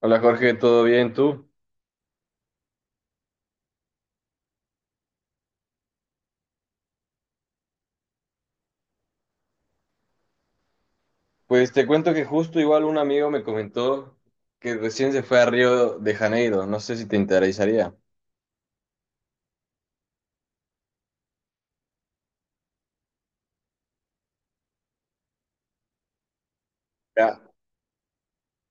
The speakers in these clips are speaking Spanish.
Hola Jorge, ¿todo bien tú? Pues te cuento que justo igual un amigo me comentó que recién se fue a Río de Janeiro, no sé si te interesaría. Ya,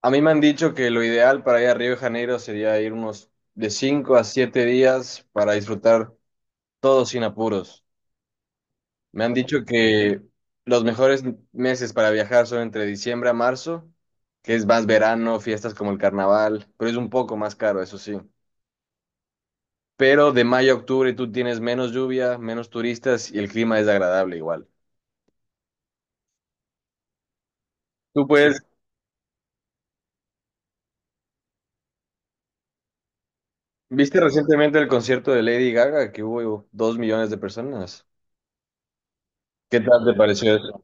a mí me han dicho que lo ideal para ir a Río de Janeiro sería ir unos de 5 a 7 días para disfrutar todo sin apuros. Me han dicho que los mejores meses para viajar son entre diciembre a marzo, que es más verano, fiestas como el carnaval, pero es un poco más caro, eso sí. Pero de mayo a octubre tú tienes menos lluvia, menos turistas y el clima es agradable igual. Tú puedes, ¿viste recientemente el concierto de Lady Gaga que hubo 2 millones de personas? ¿Qué tal te pareció eso?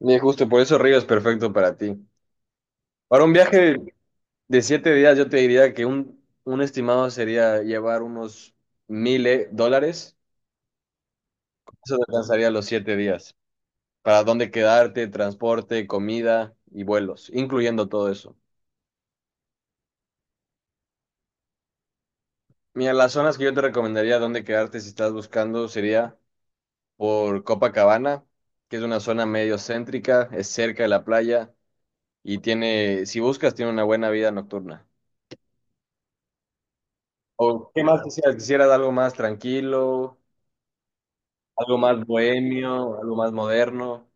Y justo por eso Río es perfecto para ti. Para un viaje de 7 días yo te diría que un estimado sería llevar unos 1.000 dólares. Eso te alcanzaría los 7 días. Para dónde quedarte, transporte, comida y vuelos, incluyendo todo eso. Mira, las zonas que yo te recomendaría dónde quedarte si estás buscando sería por Copacabana, que es una zona medio céntrica, es cerca de la playa y tiene, si buscas, tiene una buena vida nocturna. ¿O qué más quisieras? ¿Quisieras algo más tranquilo, algo más bohemio, algo más moderno?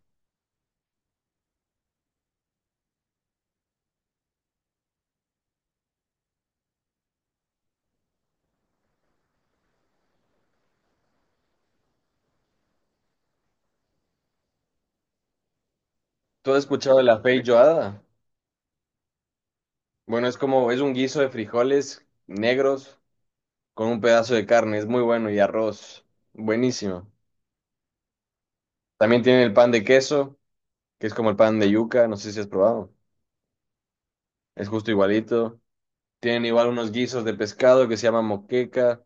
¿Tú has escuchado de la feijoada? Bueno, es como, es un guiso de frijoles negros con un pedazo de carne, es muy bueno y arroz, buenísimo. También tienen el pan de queso, que es como el pan de yuca, no sé si has probado. Es justo igualito. Tienen igual unos guisos de pescado que se llama moqueca,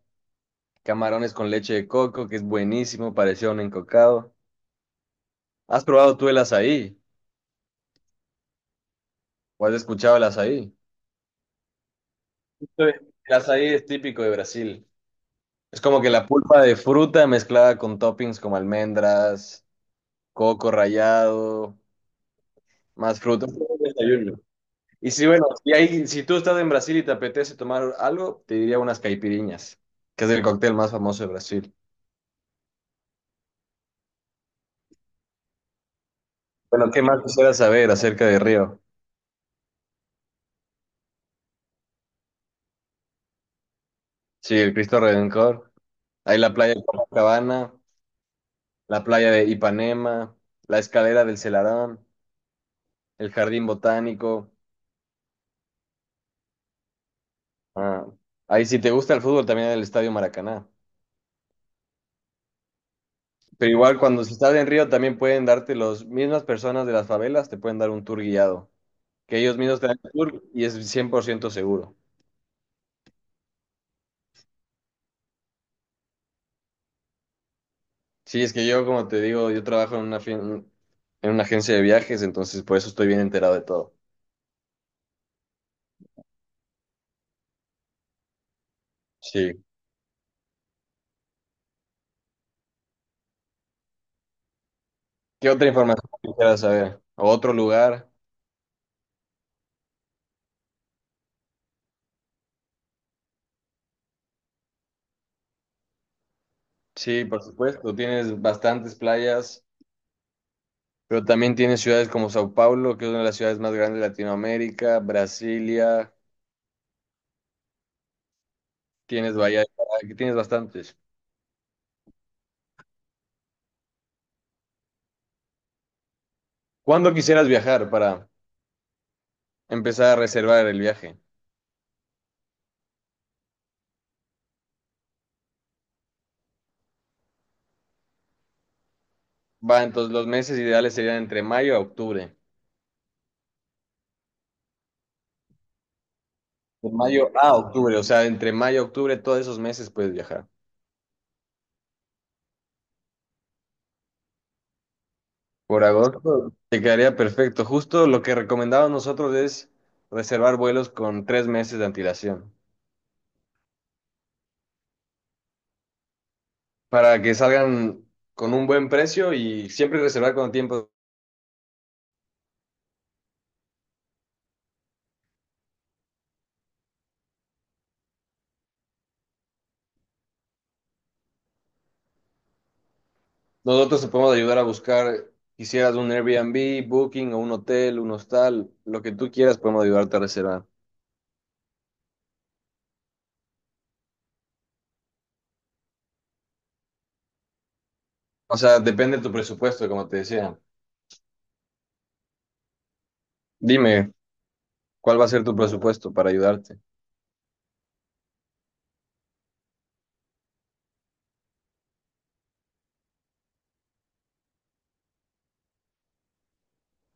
camarones con leche de coco, que es buenísimo, parecía un encocado. ¿Has probado tú el azaí? ¿O has escuchado el azaí? Sí. El azaí es típico de Brasil. Es como que la pulpa de fruta mezclada con toppings como almendras, coco rallado, más frutas. Es un desayuno. Y si, bueno, si, si tú estás en Brasil y te apetece tomar algo, te diría unas caipiriñas, que es el cóctel más famoso de Brasil. Bueno, ¿qué más quisiera saber acerca de Río? Sí, el Cristo Redentor. Hay la playa de Copacabana, la playa de Ipanema, la escalera del Celarón, el jardín botánico. Ah, ahí si te gusta el fútbol también el Estadio Maracaná. Pero igual cuando se estás en Río también pueden darte las mismas personas de las favelas, te pueden dar un tour guiado, que ellos mismos te dan el tour y es 100% seguro. Sí, es que yo, como te digo, yo trabajo en una, en una agencia de viajes, entonces por eso estoy bien enterado de todo. Sí. ¿Qué otra información quisieras saber? ¿O otro lugar? Sí, por supuesto, tienes bastantes playas, pero también tienes ciudades como Sao Paulo, que es una de las ciudades más grandes de Latinoamérica, Brasilia, tienes Bahía de Caracas, tienes bastantes. ¿Cuándo quisieras viajar para empezar a reservar el viaje? Va, entonces los meses ideales serían entre mayo a octubre. De mayo a octubre, o sea, entre mayo a octubre, todos esos meses puedes viajar. Por agosto te quedaría perfecto. Justo lo que recomendamos nosotros es reservar vuelos con 3 meses de antelación para que salgan con un buen precio y siempre reservar con tiempo. Nosotros te podemos ayudar a buscar, quisieras un Airbnb, Booking o un hotel, un hostal, lo que tú quieras, podemos ayudarte a reservar. O sea, depende de tu presupuesto, como te decía. Dime, ¿cuál va a ser tu presupuesto para ayudarte?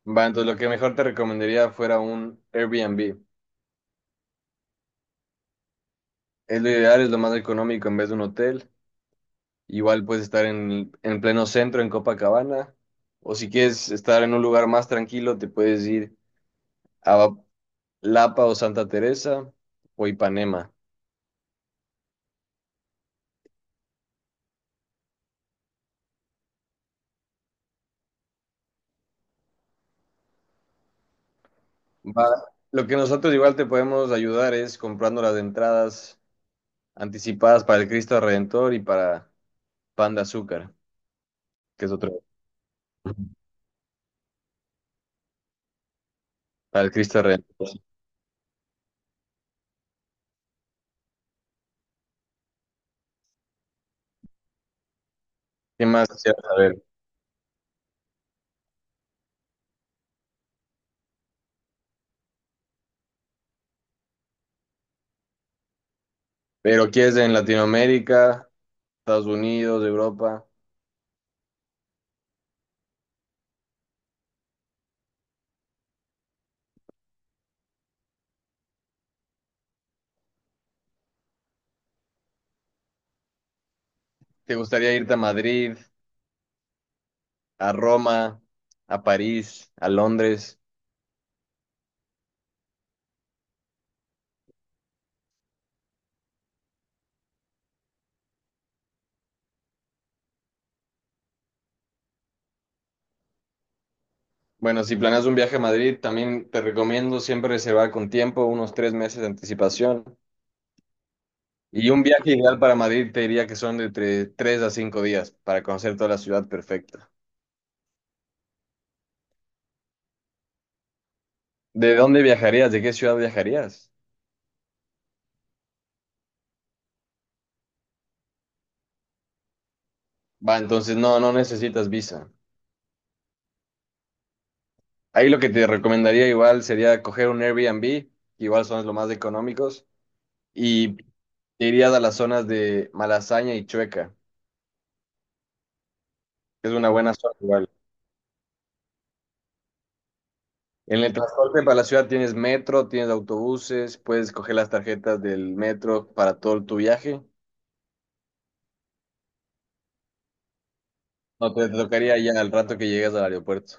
Va, entonces lo que mejor te recomendaría fuera un Airbnb. Es lo ideal, es lo más económico en vez de un hotel. Igual puedes estar en pleno centro, en Copacabana, o si quieres estar en un lugar más tranquilo, te puedes ir a Lapa o Santa Teresa o Ipanema. Va- Lo que nosotros igual te podemos ayudar es comprando las entradas anticipadas para el Cristo Redentor y para Pan de Azúcar, que es otro, para el Cristo Redentor. ¿Qué más quisieras saber? Pero quieres en Latinoamérica, Estados Unidos, Europa, ¿te gustaría irte a Madrid? ¿A Roma, a París, a Londres? Bueno, si planeas un viaje a Madrid, también te recomiendo siempre reservar con tiempo, unos 3 meses de anticipación. Y un viaje ideal para Madrid te diría que son de entre 3 a 5 días para conocer toda la ciudad perfecta. ¿De dónde viajarías? ¿De qué ciudad viajarías? Va, entonces no, no necesitas visa. Ahí lo que te recomendaría igual sería coger un Airbnb, que igual son los más económicos, y te irías a las zonas de Malasaña y Chueca, que es una buena zona igual. En el transporte para la ciudad tienes metro, tienes autobuses, puedes coger las tarjetas del metro para todo tu viaje. No te, te tocaría ya al rato que llegas al aeropuerto.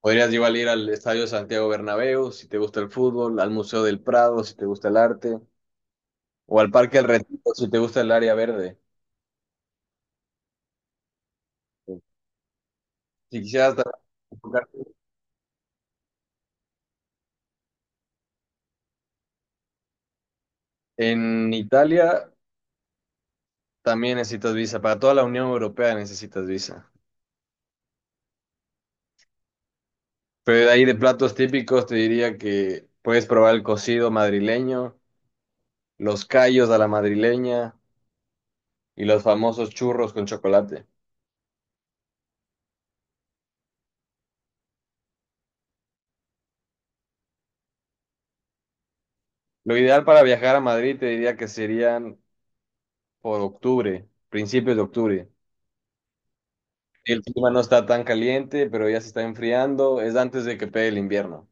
Podrías igual ir al Estadio Santiago Bernabéu si te gusta el fútbol, al Museo del Prado si te gusta el arte, o al Parque del Retiro si te gusta el área verde. Si quisieras también enfocarte en Italia, también necesitas visa. Para toda la Unión Europea necesitas visa. Pero de ahí de platos típicos te diría que puedes probar el cocido madrileño, los callos a la madrileña y los famosos churros con chocolate. Lo ideal para viajar a Madrid te diría que serían por octubre, principios de octubre. El clima no está tan caliente, pero ya se está enfriando, es antes de que pegue el invierno.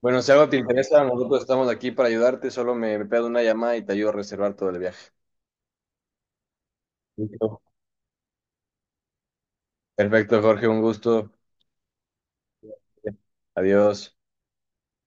Bueno, si algo te interesa, nosotros estamos aquí para ayudarte, solo me pedo una llamada y te ayudo a reservar todo el viaje. Listo. Perfecto, Jorge, un gusto. Adiós.